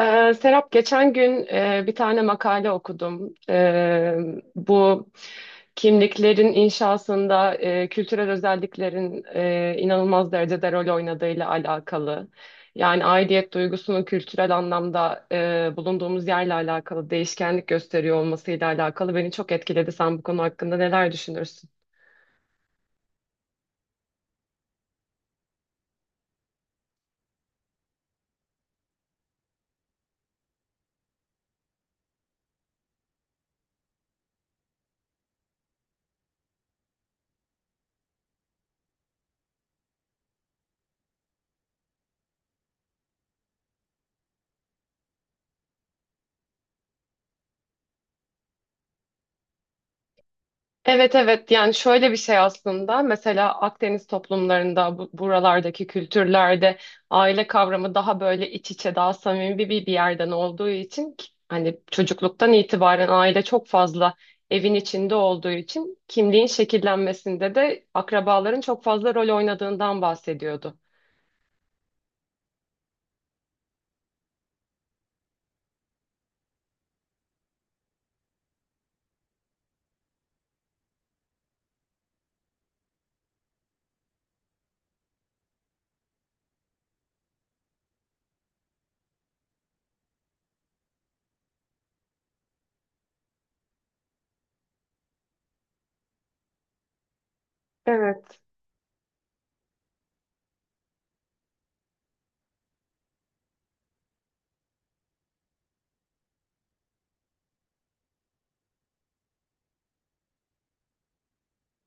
Serap geçen gün bir tane makale okudum. Bu kimliklerin inşasında kültürel özelliklerin inanılmaz derecede rol oynadığıyla alakalı. Yani aidiyet duygusunun kültürel anlamda bulunduğumuz yerle alakalı değişkenlik gösteriyor olmasıyla alakalı beni çok etkiledi. Sen bu konu hakkında neler düşünürsün? Evet evet, yani şöyle bir şey aslında. Mesela Akdeniz toplumlarında buralardaki kültürlerde aile kavramı daha böyle iç içe, daha samimi bir yerden olduğu için hani çocukluktan itibaren aile çok fazla evin içinde olduğu için kimliğin şekillenmesinde de akrabaların çok fazla rol oynadığından bahsediyordu. Evet.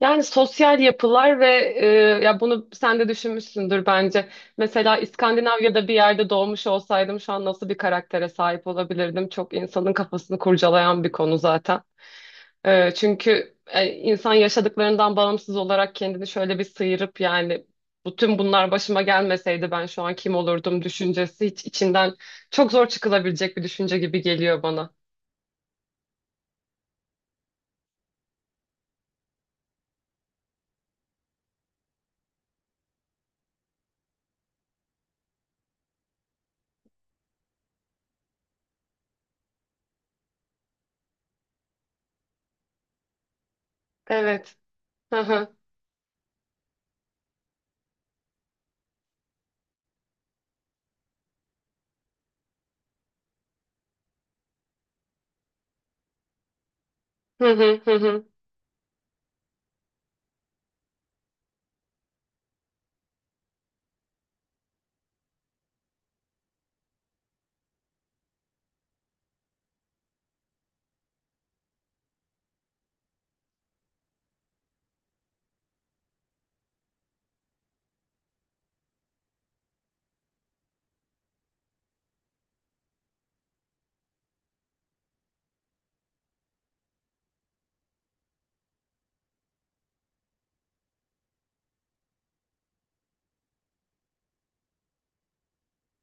Yani sosyal yapılar ve e, ya bunu sen de düşünmüşsündür bence. Mesela İskandinavya'da bir yerde doğmuş olsaydım şu an nasıl bir karaktere sahip olabilirdim? Çok insanın kafasını kurcalayan bir konu zaten. Çünkü insan yaşadıklarından bağımsız olarak kendini şöyle bir sıyırıp, yani bütün bunlar başıma gelmeseydi ben şu an kim olurdum düşüncesi hiç içinden çok zor çıkılabilecek bir düşünce gibi geliyor bana. Evet. Hı hı. Hı hı, hı hı.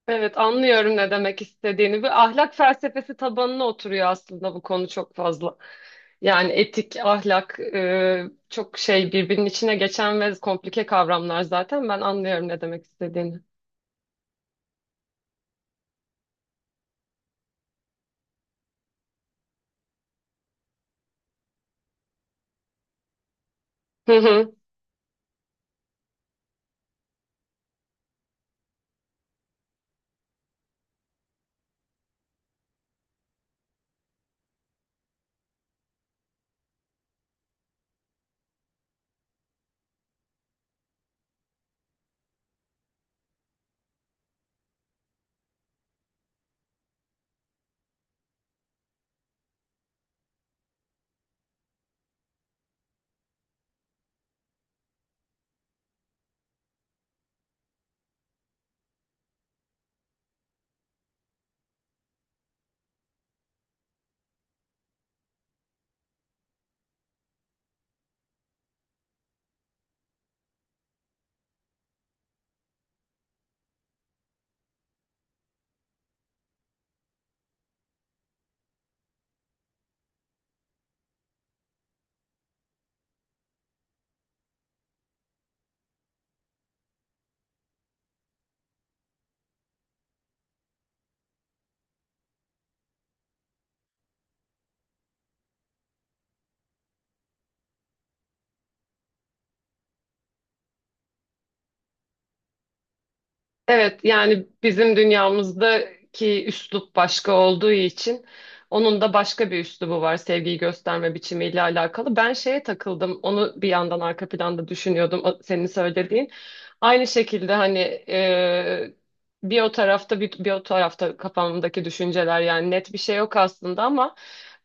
Evet, anlıyorum ne demek istediğini. Bir ahlak felsefesi tabanına oturuyor aslında bu konu çok fazla. Yani etik, ahlak, çok şey birbirinin içine geçen ve komplike kavramlar zaten. Ben anlıyorum ne demek istediğini. Evet, yani bizim dünyamızdaki üslup başka olduğu için onun da başka bir üslubu var sevgiyi gösterme biçimiyle alakalı. Ben şeye takıldım, onu bir yandan arka planda düşünüyordum senin söylediğin. Aynı şekilde hani e, bir o tarafta bir o tarafta kafamdaki düşünceler, yani net bir şey yok aslında ama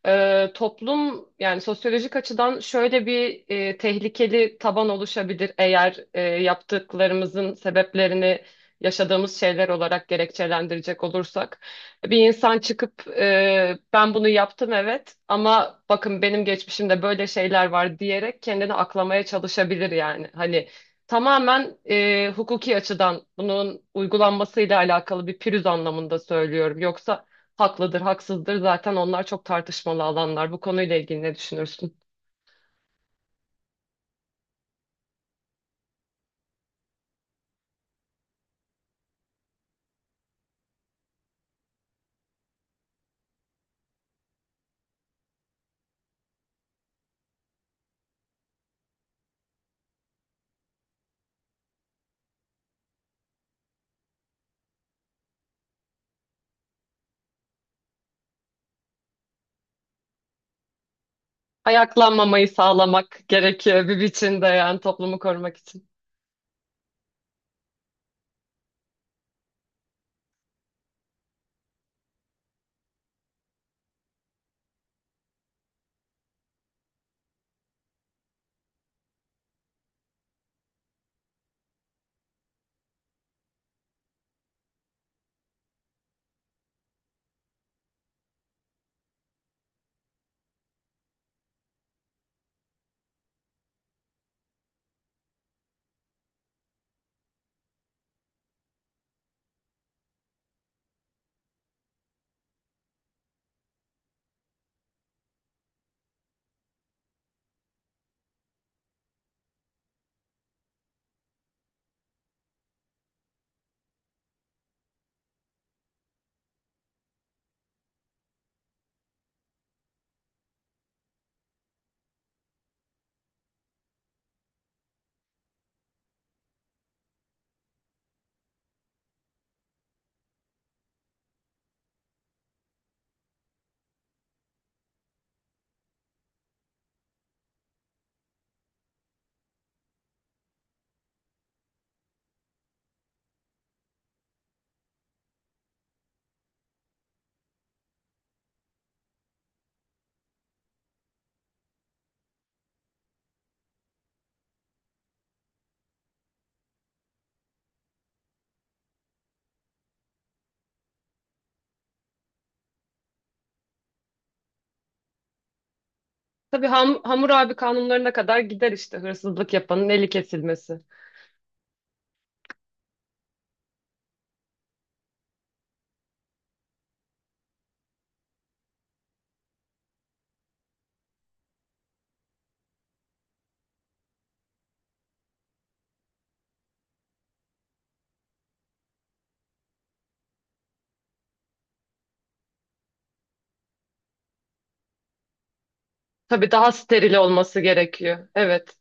toplum, yani sosyolojik açıdan şöyle bir tehlikeli taban oluşabilir. Eğer yaptıklarımızın sebeplerini yaşadığımız şeyler olarak gerekçelendirecek olursak bir insan çıkıp ben bunu yaptım, evet, ama bakın benim geçmişimde böyle şeyler var diyerek kendini aklamaya çalışabilir yani. Hani tamamen hukuki açıdan bunun uygulanmasıyla alakalı bir pürüz anlamında söylüyorum. Yoksa haklıdır, haksızdır zaten, onlar çok tartışmalı alanlar. Bu konuyla ilgili ne düşünürsün? Ayaklanmamayı sağlamak gerekiyor bir biçimde, yani toplumu korumak için. Tabii, Hammurabi kanunlarına kadar gider işte, hırsızlık yapanın eli kesilmesi. Tabii, daha steril olması gerekiyor. Evet.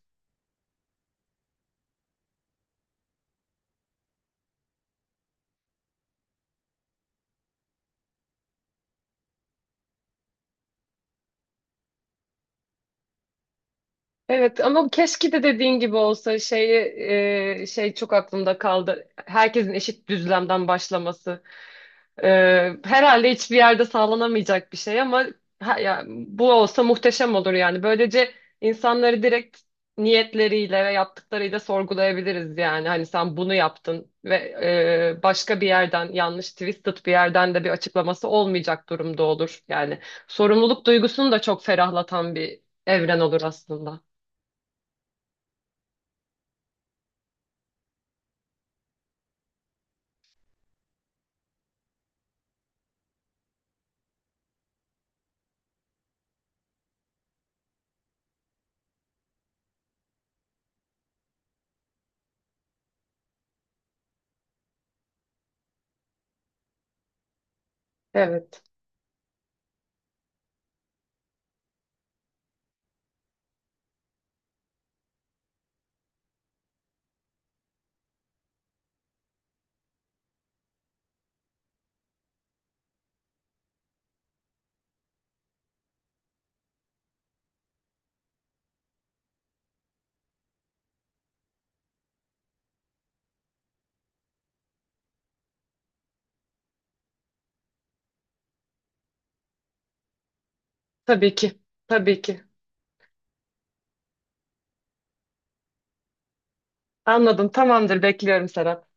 Evet ama keşke de dediğin gibi olsa. Şeyi, şey çok aklımda kaldı: herkesin eşit düzlemden başlaması. Herhalde hiçbir yerde sağlanamayacak bir şey ama ha, ya, bu olsa muhteşem olur yani. Böylece insanları direkt niyetleriyle ve yaptıklarıyla sorgulayabiliriz yani. Hani sen bunu yaptın ve başka bir yerden, yanlış twisted bir yerden de bir açıklaması olmayacak durumda olur. Yani sorumluluk duygusunu da çok ferahlatan bir evren olur aslında. Evet, tabii ki, tabii ki. Anladım, tamamdır, bekliyorum Serap.